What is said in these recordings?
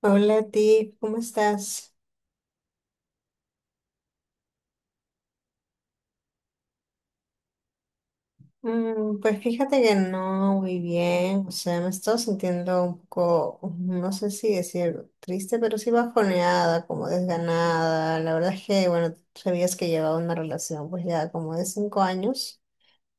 Hola a ti, ¿cómo estás? Pues fíjate que no muy bien, o sea, me estoy sintiendo un poco, no sé si decir triste, pero sí bajoneada, como desganada. La verdad es que, bueno, sabías que llevaba una relación pues ya como de 5 años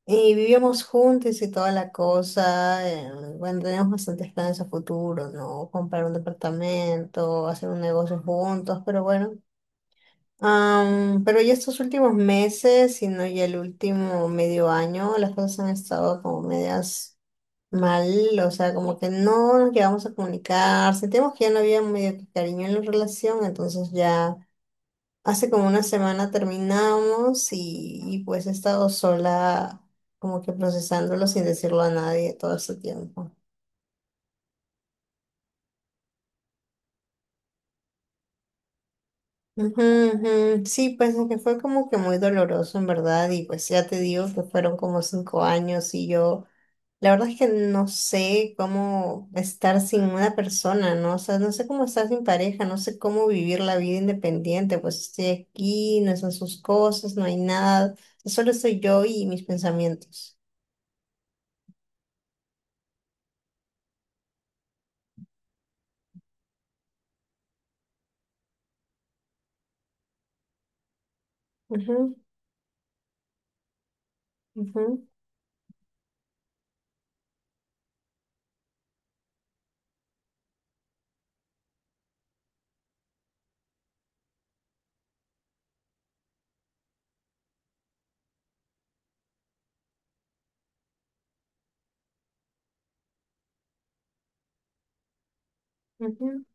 y vivíamos juntos y toda la cosa. Bueno, teníamos bastantes planes a futuro, ¿no? Comprar un departamento, hacer un negocio juntos, pero bueno. Pero ya estos últimos meses, sino ya el último medio año, las cosas han estado como medias mal, o sea, como que no nos llegamos a comunicar, sentimos que ya no había medio que cariño en la relación, entonces ya hace como una semana terminamos y pues he estado sola como que procesándolo sin decirlo a nadie todo este tiempo. Ujú, ujú. Sí, pues es que fue como que muy doloroso en verdad y pues ya te digo que fueron como 5 años y yo... La verdad es que no sé cómo estar sin una persona, ¿no? O sea, no sé cómo estar sin pareja, no sé cómo vivir la vida independiente, pues estoy aquí, no son sus cosas, no hay nada, solo soy yo y mis pensamientos. Ujú, ujú, ujú,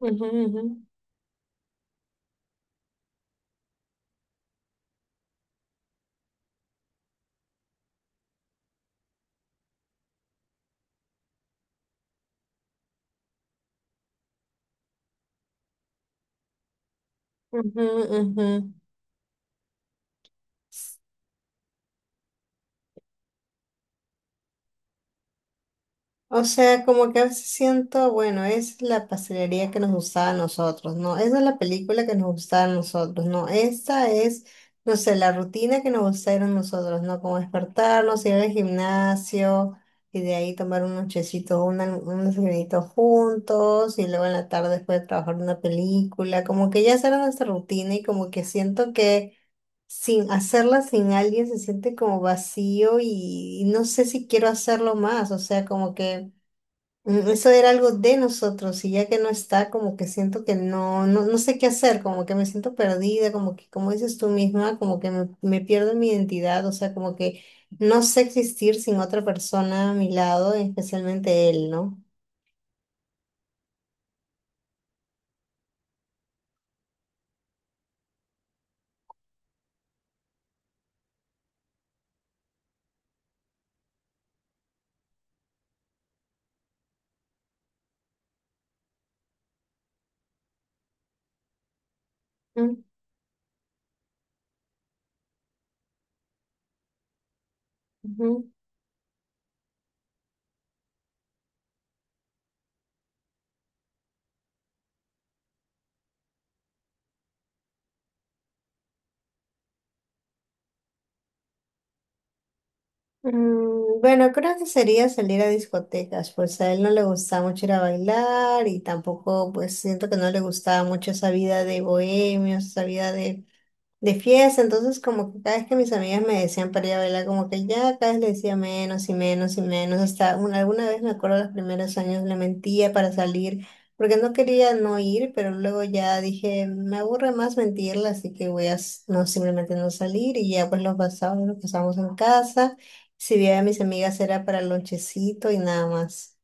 ujú, ujú, ujú, ujú. O sea, como que a veces siento, bueno, es la pastelería que nos gustaba a nosotros, ¿no? Esa es la película que nos gustaba a nosotros, ¿no? Esta es, no sé, la rutina que nos gustaba a nosotros, ¿no? Como despertarnos, ir al gimnasio y de ahí tomar un nochecito, un desayunito juntos y luego en la tarde después de trabajar una película, como que ya esa era nuestra rutina y como que siento que... sin hacerla sin alguien se siente como vacío y no sé si quiero hacerlo más, o sea, como que eso era algo de nosotros y ya que no está, como que siento que no, no, no sé qué hacer, como que me siento perdida, como que, como dices tú misma, como que me pierdo en mi identidad, o sea, como que no sé existir sin otra persona a mi lado, especialmente él, ¿no? Mm, ujú. Bueno, creo que sería salir a discotecas, pues a él no le gustaba mucho ir a bailar y tampoco, pues siento que no le gustaba mucho esa vida de bohemios, esa vida de fiesta, entonces como que cada vez que mis amigas me decían para ir a bailar, como que ya cada vez le decía menos y menos y menos, hasta alguna vez me acuerdo los primeros años le mentía para salir, porque no quería no ir, pero luego ya dije, me aburre más mentirle, así que voy a no simplemente no salir y ya pues lo pasamos en casa, si veía a mis amigas era para el lonchecito y nada más.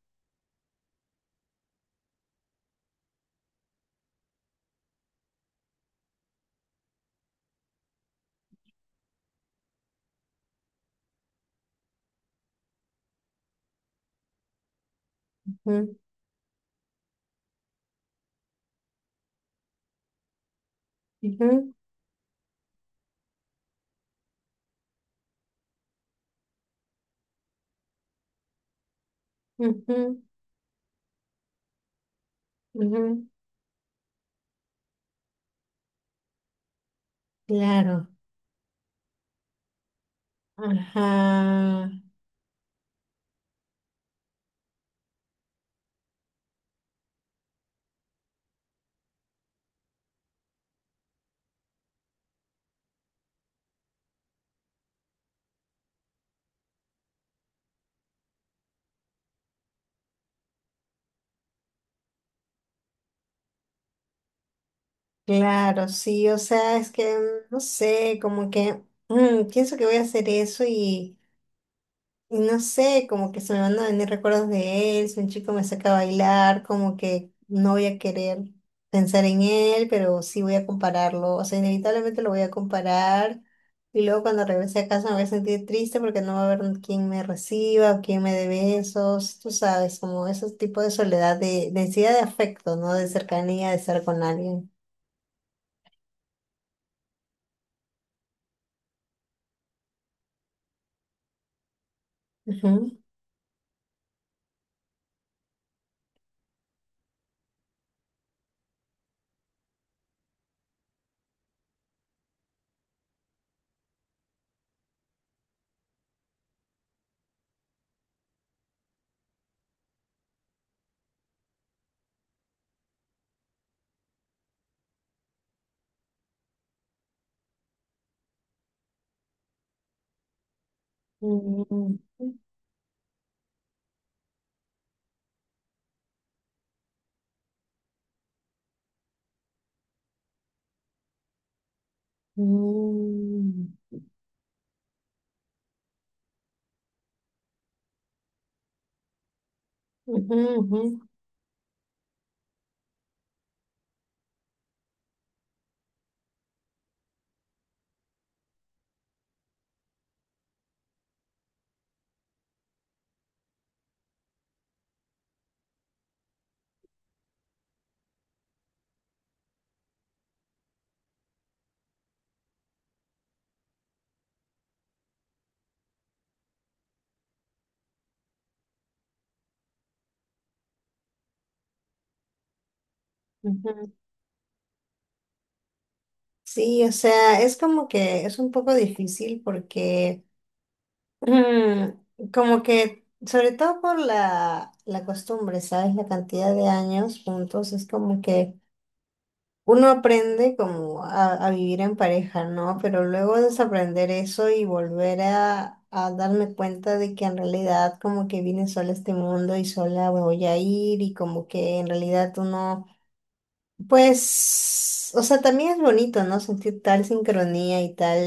Ujú, ujú, ujú, ujú, claro. Ajá. Claro, sí, o sea, es que no sé, como que pienso que voy a hacer eso y no sé, como que se me van a venir recuerdos de él, si un chico me saca a bailar, como que no voy a querer pensar en él, pero sí voy a compararlo, o sea, inevitablemente lo voy a comparar y luego cuando regrese a casa me voy a sentir triste porque no va a haber quien me reciba o quien me dé besos, tú sabes, como ese tipo de soledad, de densidad de afecto, ¿no? De cercanía, de estar con alguien. Ujú. Mm, mm, ujú, ujú, ujú. Sí, o sea, es como que es un poco difícil porque como que, sobre todo por la costumbre, ¿sabes? La cantidad de años juntos, es como que uno aprende como a vivir en pareja, ¿no? Pero luego desaprender eso y volver a darme cuenta de que en realidad como que vine sola a este mundo y sola me voy a ir y como que en realidad uno pues, o sea, también es bonito, ¿no? Sentir tal sincronía y tal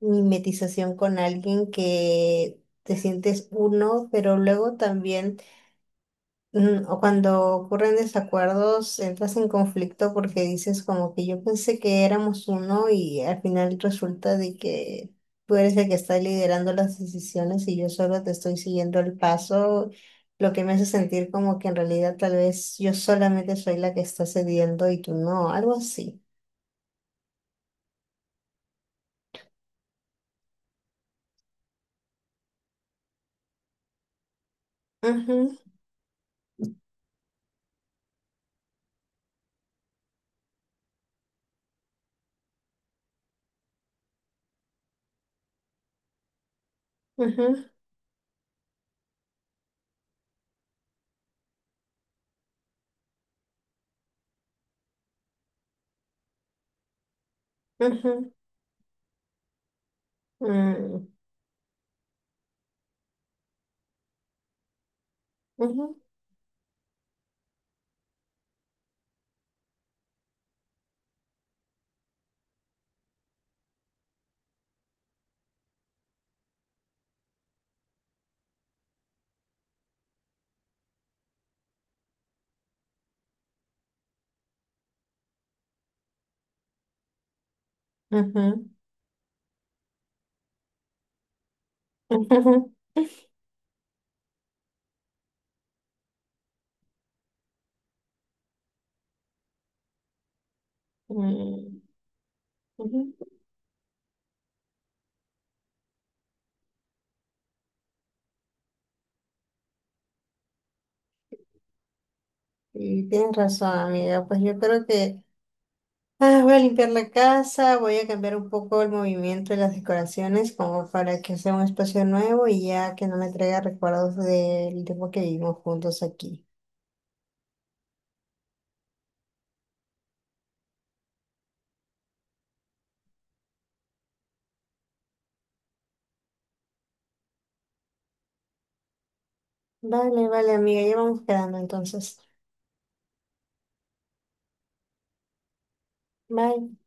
mimetización con alguien que te sientes uno, pero luego también o cuando ocurren desacuerdos, entras en conflicto porque dices como que yo pensé que éramos uno y al final resulta de que tú eres el que está liderando las decisiones y yo solo te estoy siguiendo el paso, lo que me hace sentir como que en realidad tal vez yo solamente soy la que está cediendo y tú no, algo así. Ujú, ujú, ujú, mm, ujú, ujú, ujú, mm, ujú. Y tienes razón, amiga, pues yo creo que... Ah, voy a limpiar la casa, voy a cambiar un poco el movimiento de las decoraciones como para que sea un espacio nuevo y ya que no me traiga recuerdos del tiempo que vivimos juntos aquí. Vale, vale, amiga, ya vamos quedando entonces. Bye.